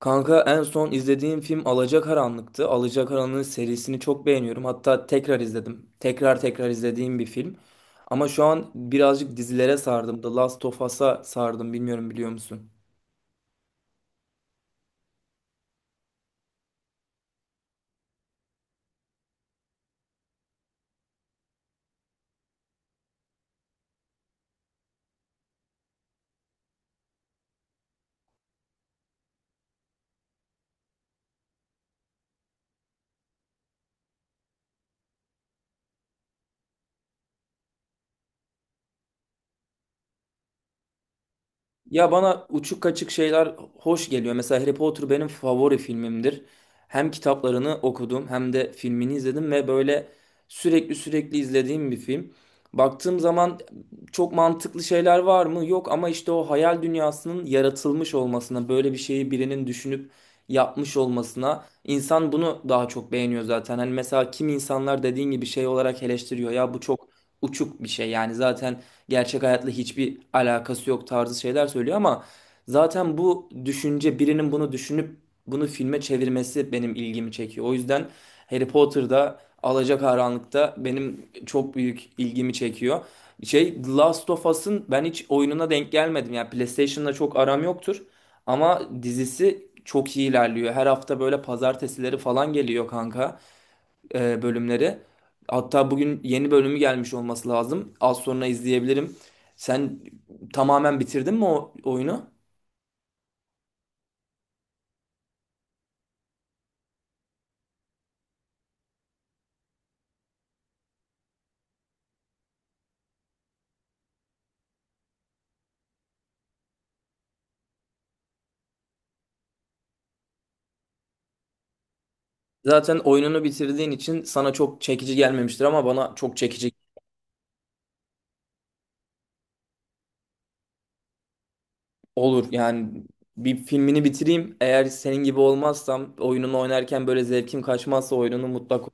Kanka en son izlediğim film Alacakaranlık'tı. Alacakaranlık serisini çok beğeniyorum. Hatta tekrar izledim. Tekrar tekrar izlediğim bir film. Ama şu an birazcık dizilere sardım. The Last of Us'a sardım. Bilmiyorum biliyor musun? Ya bana uçuk kaçık şeyler hoş geliyor. Mesela Harry Potter benim favori filmimdir. Hem kitaplarını okudum hem de filmini izledim ve böyle sürekli sürekli izlediğim bir film. Baktığım zaman çok mantıklı şeyler var mı? Yok, ama işte o hayal dünyasının yaratılmış olmasına, böyle bir şeyi birinin düşünüp yapmış olmasına insan bunu daha çok beğeniyor zaten. Hani mesela kim insanlar dediğin gibi şey olarak eleştiriyor. Ya bu çok uçuk bir şey. Yani zaten gerçek hayatla hiçbir alakası yok tarzı şeyler söylüyor ama zaten bu düşünce birinin bunu düşünüp bunu filme çevirmesi benim ilgimi çekiyor. O yüzden Harry Potter'da, Alacakaranlık'ta benim çok büyük ilgimi çekiyor. Şey, The Last of Us'ın ben hiç oyununa denk gelmedim. Yani PlayStation'la çok aram yoktur. Ama dizisi çok iyi ilerliyor. Her hafta böyle pazartesileri falan geliyor kanka, bölümleri. Hatta bugün yeni bölümü gelmiş olması lazım. Az sonra izleyebilirim. Sen tamamen bitirdin mi o oyunu? Zaten oyununu bitirdiğin için sana çok çekici gelmemiştir ama bana çok çekici olur. Yani bir filmini bitireyim. Eğer senin gibi olmazsam oyununu oynarken böyle zevkim kaçmazsa oyununu mutlaka.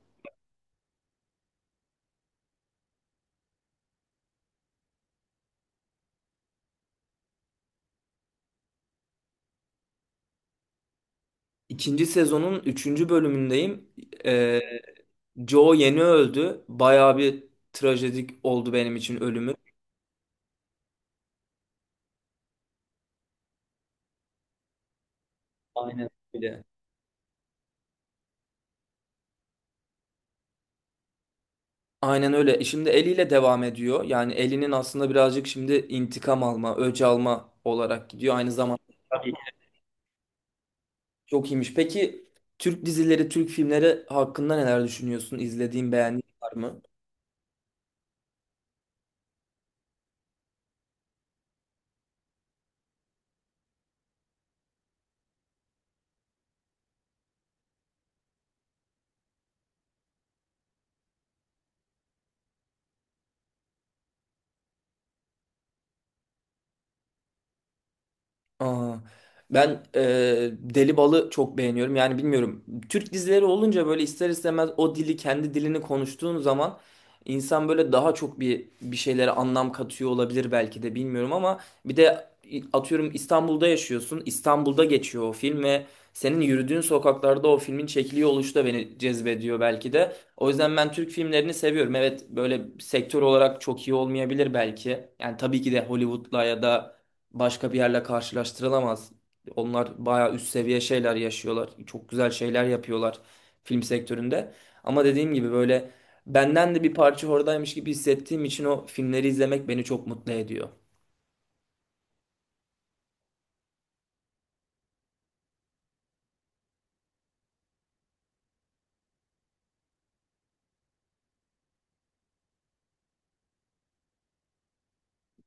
İkinci sezonun üçüncü bölümündeyim. Ee, Joe yeni öldü. Bayağı bir trajedik oldu benim için ölümü. Aynen öyle. Aynen öyle. Şimdi eliyle devam ediyor. Yani elinin aslında birazcık şimdi intikam alma, öç alma olarak gidiyor. Aynı zamanda tabii. Çok iyiymiş. Peki Türk dizileri, Türk filmleri hakkında neler düşünüyorsun? İzlediğin, beğendiğin var mı? Aa, ben Deli Bal'ı çok beğeniyorum. Yani bilmiyorum. Türk dizileri olunca böyle ister istemez o dili, kendi dilini konuştuğun zaman insan böyle daha çok bir şeylere anlam katıyor olabilir belki de, bilmiyorum, ama bir de atıyorum İstanbul'da yaşıyorsun. İstanbul'da geçiyor o film ve senin yürüdüğün sokaklarda o filmin çekiliyor oluşu da beni cezbediyor belki de. O yüzden ben Türk filmlerini seviyorum. Evet, böyle sektör olarak çok iyi olmayabilir belki. Yani tabii ki de Hollywood'la ya da başka bir yerle karşılaştırılamaz. Onlar bayağı üst seviye şeyler yaşıyorlar. Çok güzel şeyler yapıyorlar film sektöründe. Ama dediğim gibi böyle benden de bir parça oradaymış gibi hissettiğim için o filmleri izlemek beni çok mutlu ediyor.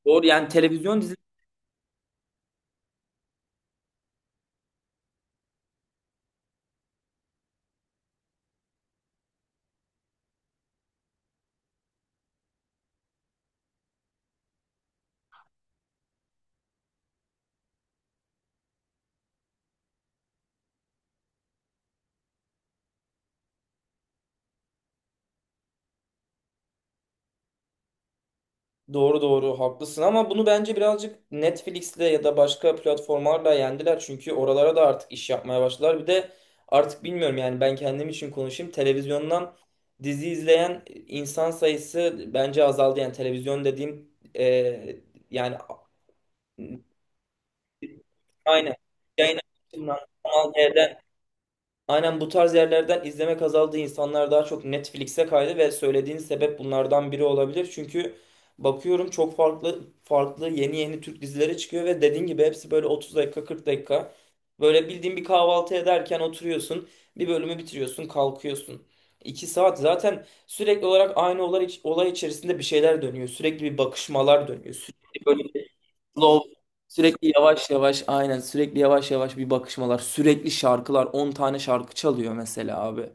Doğru, yani televizyon. Doğru doğru, haklısın, ama bunu bence birazcık Netflix'le ya da başka platformlarla yendiler. Çünkü oralara da artık iş yapmaya başladılar. Bir de artık bilmiyorum, yani ben kendim için konuşayım. Televizyondan dizi izleyen insan sayısı bence azaldı. Yani televizyon dediğim, e, yani, aynen. Yayın açısından, Kanal D'den. Aynen bu tarz yerlerden izlemek azaldı. İnsanlar daha çok Netflix'e kaydı ve söylediğin sebep bunlardan biri olabilir. Çünkü bakıyorum çok farklı farklı yeni yeni Türk dizileri çıkıyor ve dediğin gibi hepsi böyle 30 dakika, 40 dakika. Böyle bildiğin bir kahvaltı ederken oturuyorsun, bir bölümü bitiriyorsun, kalkıyorsun. 2 saat zaten sürekli olarak aynı olay, olay içerisinde bir şeyler dönüyor. Sürekli bir bakışmalar dönüyor. Sürekli böyle slow, sürekli yavaş yavaş, aynen sürekli yavaş yavaş bir bakışmalar, sürekli şarkılar, 10 tane şarkı çalıyor mesela abi.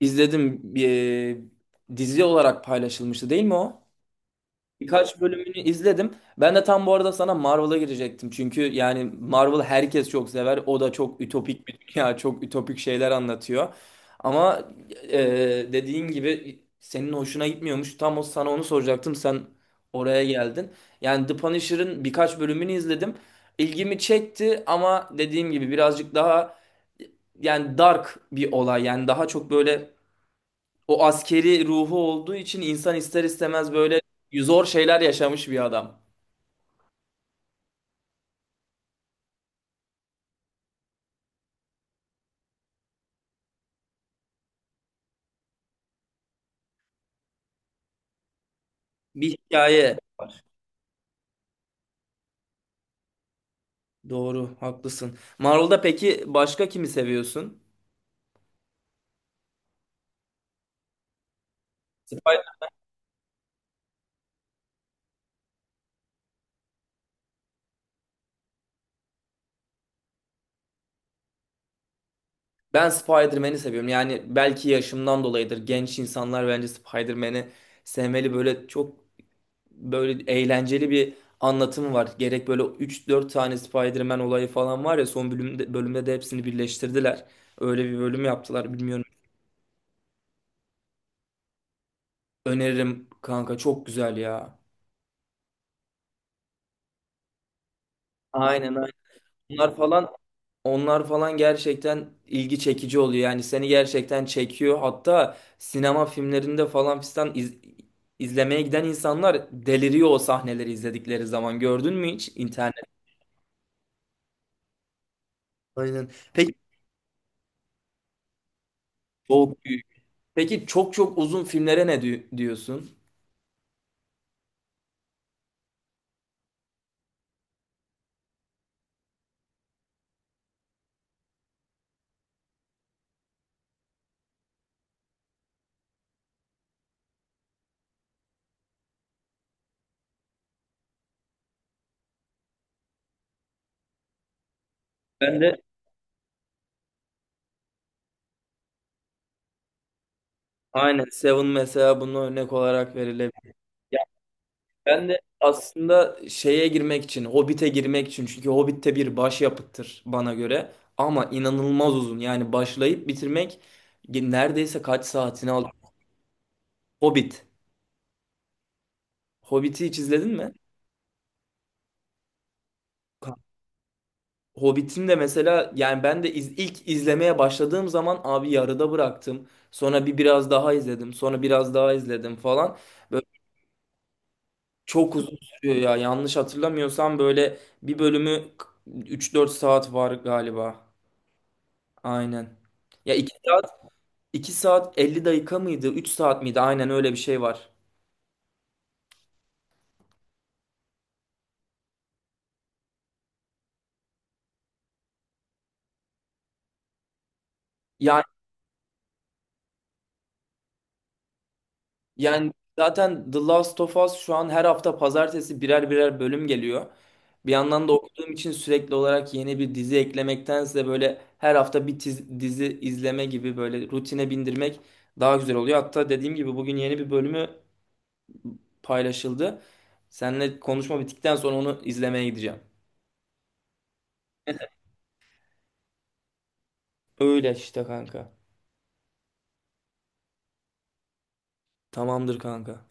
İzledim bir dizi olarak paylaşılmıştı değil mi o? Birkaç bölümünü izledim. Ben de tam bu arada sana Marvel'a girecektim. Çünkü yani Marvel herkes çok sever. O da çok ütopik bir dünya, çok ütopik şeyler anlatıyor. Ama e, dediğin gibi senin hoşuna gitmiyormuş. Tam o sana onu soracaktım. Sen oraya geldin. Yani The Punisher'ın birkaç bölümünü izledim. İlgimi çekti ama dediğim gibi birazcık daha, yani dark bir olay. Yani daha çok böyle o askeri ruhu olduğu için insan ister istemez böyle zor şeyler yaşamış bir adam. Bir hikaye. Doğru, haklısın. Marvel'da peki başka kimi seviyorsun? Spider- Ben Spider-Man'i seviyorum. Yani belki yaşımdan dolayıdır. Genç insanlar bence Spider-Man'i sevmeli. Böyle çok böyle eğlenceli bir anlatımı var. Gerek böyle 3-4 tane Spider-Man olayı falan var ya son bölümde de hepsini birleştirdiler. Öyle bir bölüm yaptılar. Bilmiyorum. Öneririm kanka, çok güzel ya. Aynen aynen. Onlar falan Onlar falan gerçekten ilgi çekici oluyor. Yani seni gerçekten çekiyor. Hatta sinema filmlerinde falan fistan izlemeye giden insanlar deliriyor o sahneleri izledikleri zaman. Gördün mü hiç internet? Aynen. Peki, çok büyük. Peki çok çok uzun filmlere ne diyorsun? Ben de aynen, Seven mesela bunun örnek olarak verilebilir. Ben de aslında şeye girmek için, Hobbit'e girmek için, çünkü Hobbit'te bir başyapıttır bana göre ama inanılmaz uzun. Yani başlayıp bitirmek neredeyse kaç saatini aldı. Hobbit. Hobbit'i hiç izledin mi? Hobbit'in de mesela, yani ben de ilk izlemeye başladığım zaman abi yarıda bıraktım. Sonra bir biraz daha izledim. Sonra biraz daha izledim falan. Böyle çok uzun sürüyor ya. Yanlış hatırlamıyorsam böyle bir bölümü 3-4 saat var galiba. Aynen. Ya, 2 saat, 2 saat 50 dakika mıydı, 3 saat miydi? Aynen öyle bir şey var. Yani yani zaten The Last of Us şu an her hafta pazartesi birer birer bölüm geliyor. Bir yandan da okuduğum için sürekli olarak yeni bir dizi eklemektense böyle her hafta bir dizi izleme gibi böyle rutine bindirmek daha güzel oluyor. Hatta dediğim gibi bugün yeni bir bölümü paylaşıldı. Seninle konuşma bittikten sonra onu izlemeye gideceğim. Öyle işte kanka. Tamamdır kanka.